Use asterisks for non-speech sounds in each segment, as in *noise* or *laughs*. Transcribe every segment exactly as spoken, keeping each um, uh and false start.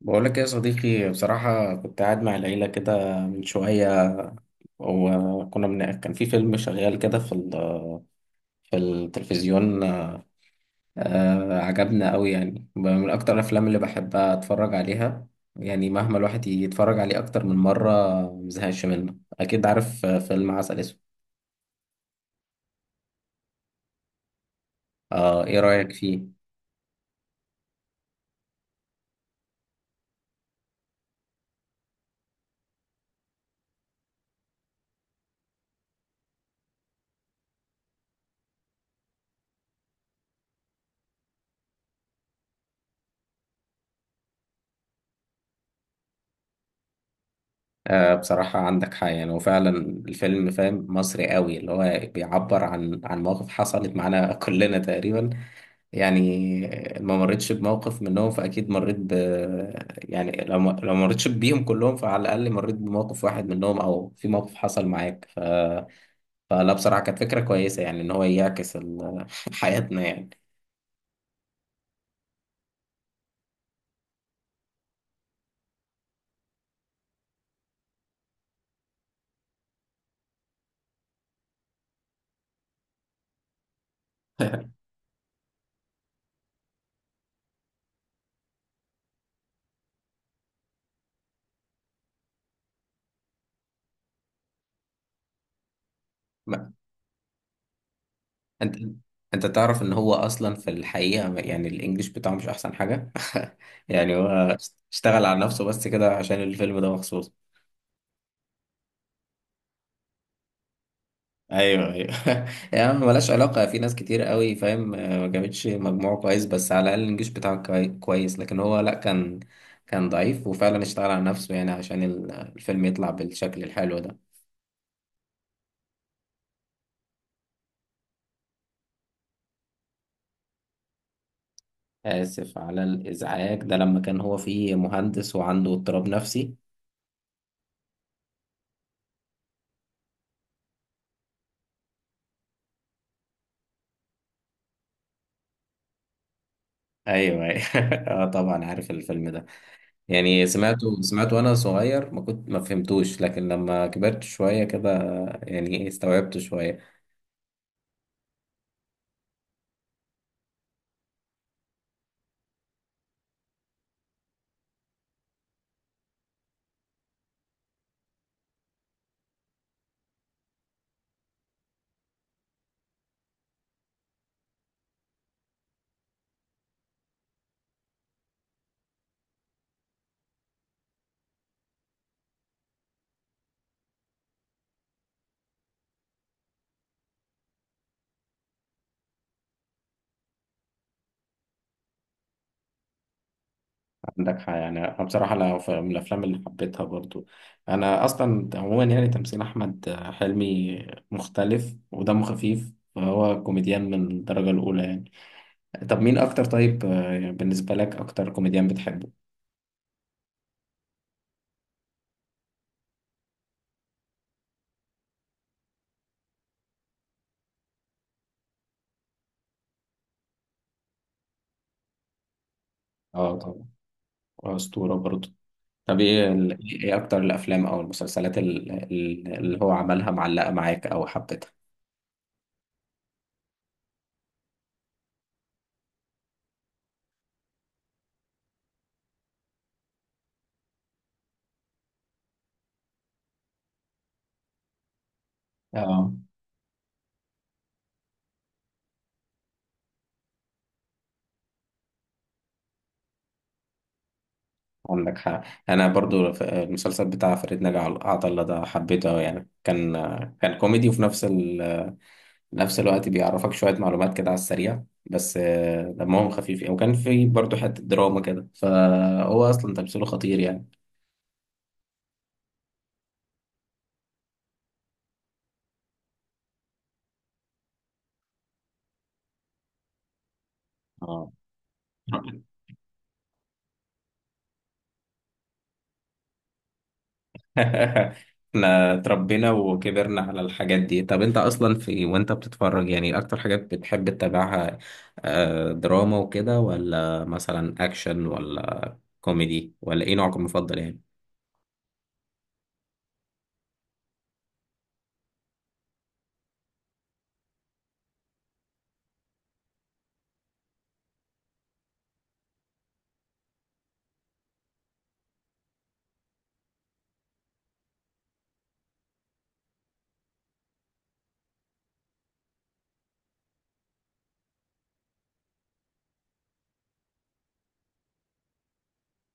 بقولك يا صديقي، بصراحة كنت قاعد مع العيلة كده من شوية. وكنا من... كان في فيلم شغال كده في ال... في التلفزيون. آه... عجبنا أوي. يعني من أكتر الأفلام اللي بحبها أتفرج عليها، يعني مهما الواحد يتفرج عليه أكتر من مرة مزهقش منه. أكيد عارف، آه، فيلم عسل أسود. آه... إيه رأيك فيه؟ آه... بصراحة عندك حق يعني، وفعلا الفيلم فاهم مصري أوي، اللي هو بيعبر عن عن مواقف حصلت معانا *laughs* كلنا تقريبا. يعني ما مرتش بموقف منهم، فأكيد مريت ب يعني. لو ما... لو ما مريتش بيهم كلهم، فعلى الأقل مريت بموقف واحد منهم، أو في موقف حصل معاك ف... فلا بصراحة كانت فكرة كويسة، يعني إن هو يعكس ال... *laughs* حياتنا يعني. *laughs* ما... أنت أنت تعرف إن هو أصلا في الحقيقة ما- يعني الإنجليش بتاعه مش أحسن حاجة. *laughs* يعني هو اشتغل على نفسه بس كده عشان الفيلم ده مخصوص. ايوه ايوه. *laughs* يا عم ملهاش علاقه، في ناس كتير قوي فاهم، آه، ما جابتش مجموع كويس، بس على الاقل الانجليش بتاعه كوي- كويس. لكن هو لا، كان كان ضعيف وفعلا اشتغل على نفسه، يعني عشان ال- الفيلم يطلع بالشكل الحلو ده. اسف على الازعاج ده، لما كان هو فيه مهندس وعنده اضطراب نفسي. ايوه ايوه. *laughs* اه طبعا عارف الفيلم ده. يعني سمعته سمعته وانا صغير، ما كنت ما فهمتوش، لكن لما كبرت شويه كده يعني إيه، استوعبته شويه. عندك حق يعني. انا بصراحه لا، ف- من الافلام اللي حبيتها برضو. انا اصلا عموما يعني تمثيل احمد حلمي مختلف ودمه خفيف، فهو كوميديان من الدرجه الاولى يعني. طب مين اكتر؟ طيب، آه، بالنسبه لك اكتر كوميديان بتحبه؟ اه طبعا، اسطوره برضو. طب ايه ال- ايه اكتر الافلام او المسلسلات ال- ال- اللي هو عملها معلقه معاك او حبيتها؟ اه عندك حق. انا برضو ف- المسلسل بتاع فريد نجا عل- عطله ده حبيته أوي يعني. كان كان كوميدي، وفي نفس ال... نفس الوقت بيعرفك شويه معلومات كده على السريع. بس آه، دمهم خفيف يعني. وكان في برضو حته دراما كده، فهو اصلا تمثيله خطير يعني. اه. *laughs* احنا اتربينا وكبرنا على الحاجات دي. طب انت اصلا في وانت بتتفرج يعني اكتر حاجات بتحب تتابعها، آه، دراما وكده، ولا مثلا اكشن، ولا كوميدي، ولا ايه نوعك المفضل يعني؟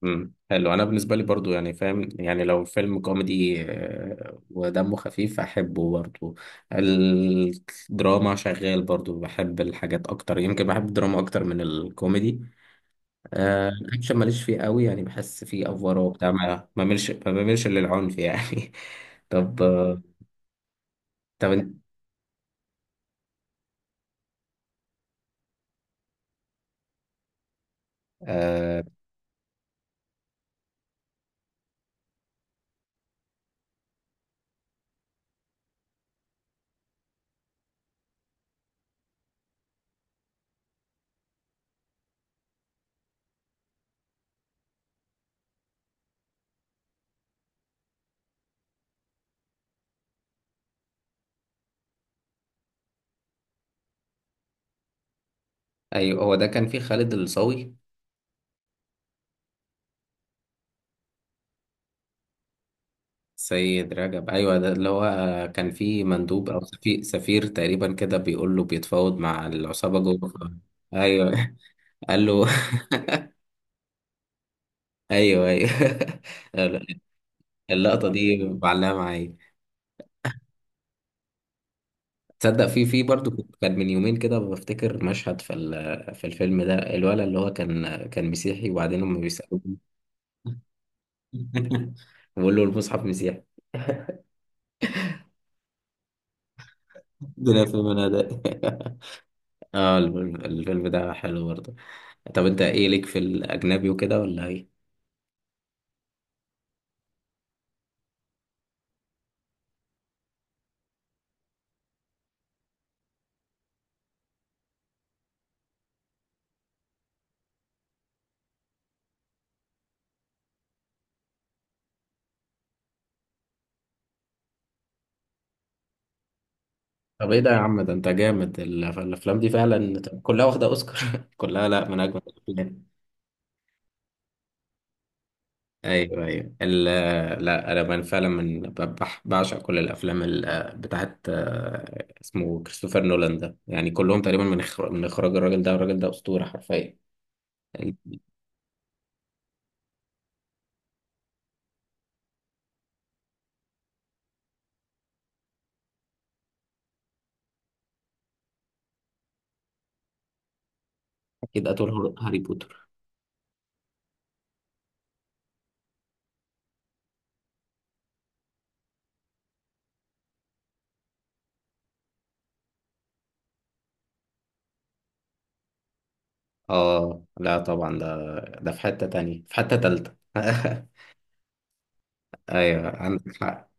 امم حلو. انا بالنسبه لي برضو يعني فاهم، يعني لو فيلم كوميدي آه، ودمه خفيف احبه برضو. الدراما شغال برضو، بحب الحاجات اكتر، يمكن بحب الدراما اكتر من الكوميدي. آه، الاكشن ماليش فيه قوي يعني، بحس فيه افوار وبتاع، ما ما بعملش ما بعملش للعنف يعني. *laughs* طب آه، طب انت آه، ايوه، هو ده كان فيه خالد الصاوي. سيد رجب ايوه، ده اللي هو، آه، كان فيه مندوب او سفير, سفير تقريبا كده، بيقول له بيتفاوض مع العصابه جوه ف- ايوه. *laughs* قال له. *laughs* ايوه ايوه. *laughs* اللقطه دي معلقه معايا. تصدق في في برضه، كنت- كان من يومين كده بفتكر مشهد في ال- في الفيلم ده. الولد اللي هو كان كان مسيحي، وبعدين هم بيسألوه. *laughs* بيقول له المصحف مسيحي، الدنيا في المنادق. *laughs* اه الفيلم الفيلم ده حلو برضه. طب انت ايه ليك في الاجنبي وكده ولا ايه؟ طب ايه ده يا عم؟ ده انت جامد، ال- الافلام دي فعلا كلها واخده اوسكار. *laughs* كلها، لا، من اجمل الافلام. ايوه ايوه ال- لا، انا من فعلا من ب- بح- بعشق كل الافلام ال- بتاعت، آه، اسمه كريستوفر نولان ده، يعني كلهم تقريبا من إخر- من اخراج الراجل ده. الراجل ده اسطوره حرفيا يعني. اكيد، قتل هار- هاري بوتر. اه لا طبعا، ده ده في حته تانية، في حته تالتة. *laughs* ايوه عندك حق.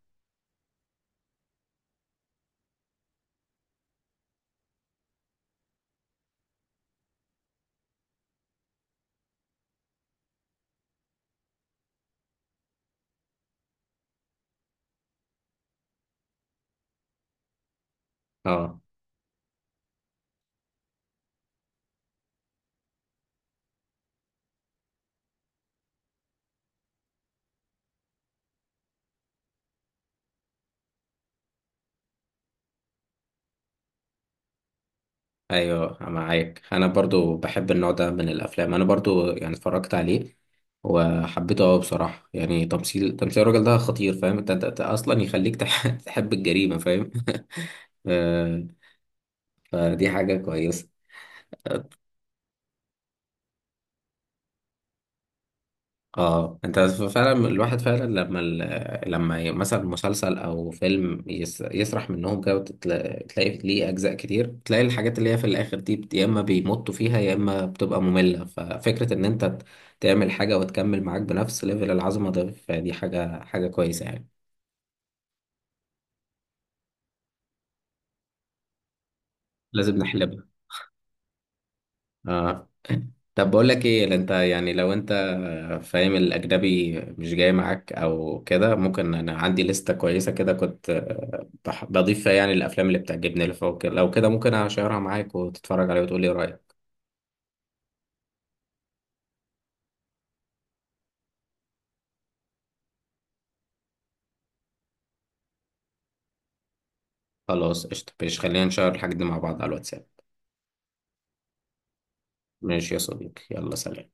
اه ايوه معاك. انا برضو بحب النوع ده من الافلام، انا برضو يعني اتفرجت عليه وحبيته قوي بصراحه. يعني تمثيل تمثيل الراجل ده خطير. فاهم انت، أنت- أنت اصلا يخليك تح- *laughs* تحب الجريمه فاهم. *laughs* آه، فدي حاجه كويسه. اه انت فعلا، الواحد فعلا لما ال... لما ي- مثلا مسلسل او فيلم يس... يسرح منهم كده، وتلاقي تلاقي ليه اجزاء كتير، تلاقي الحاجات اللي هي في الاخر دي بت... يا اما بيمطوا فيها، يا اما بتبقى مملة. ففكرة ان انت ت- تعمل حاجة وتكمل معاك بنفس ليفل العظمة ده، فدي حاجة حاجة كويسة يعني. لازم نحلبها. آه. طب بقول لك ايه، لا انت يعني لو انت فاهم الاجنبي مش جاي معاك او كده، ممكن انا عندي لستة كويسة كده، كنت بح- بضيف فيها يعني الافلام اللي بتعجبني اللي فوق كده. لو كده ممكن اشيرها معاك وتتفرج عليها وتقول لي رايك. خلاص قشطة، ماشي، خلينا نشير الحاجات دي مع بعض على الواتساب. ماشي يا صديقي، يلا سلام.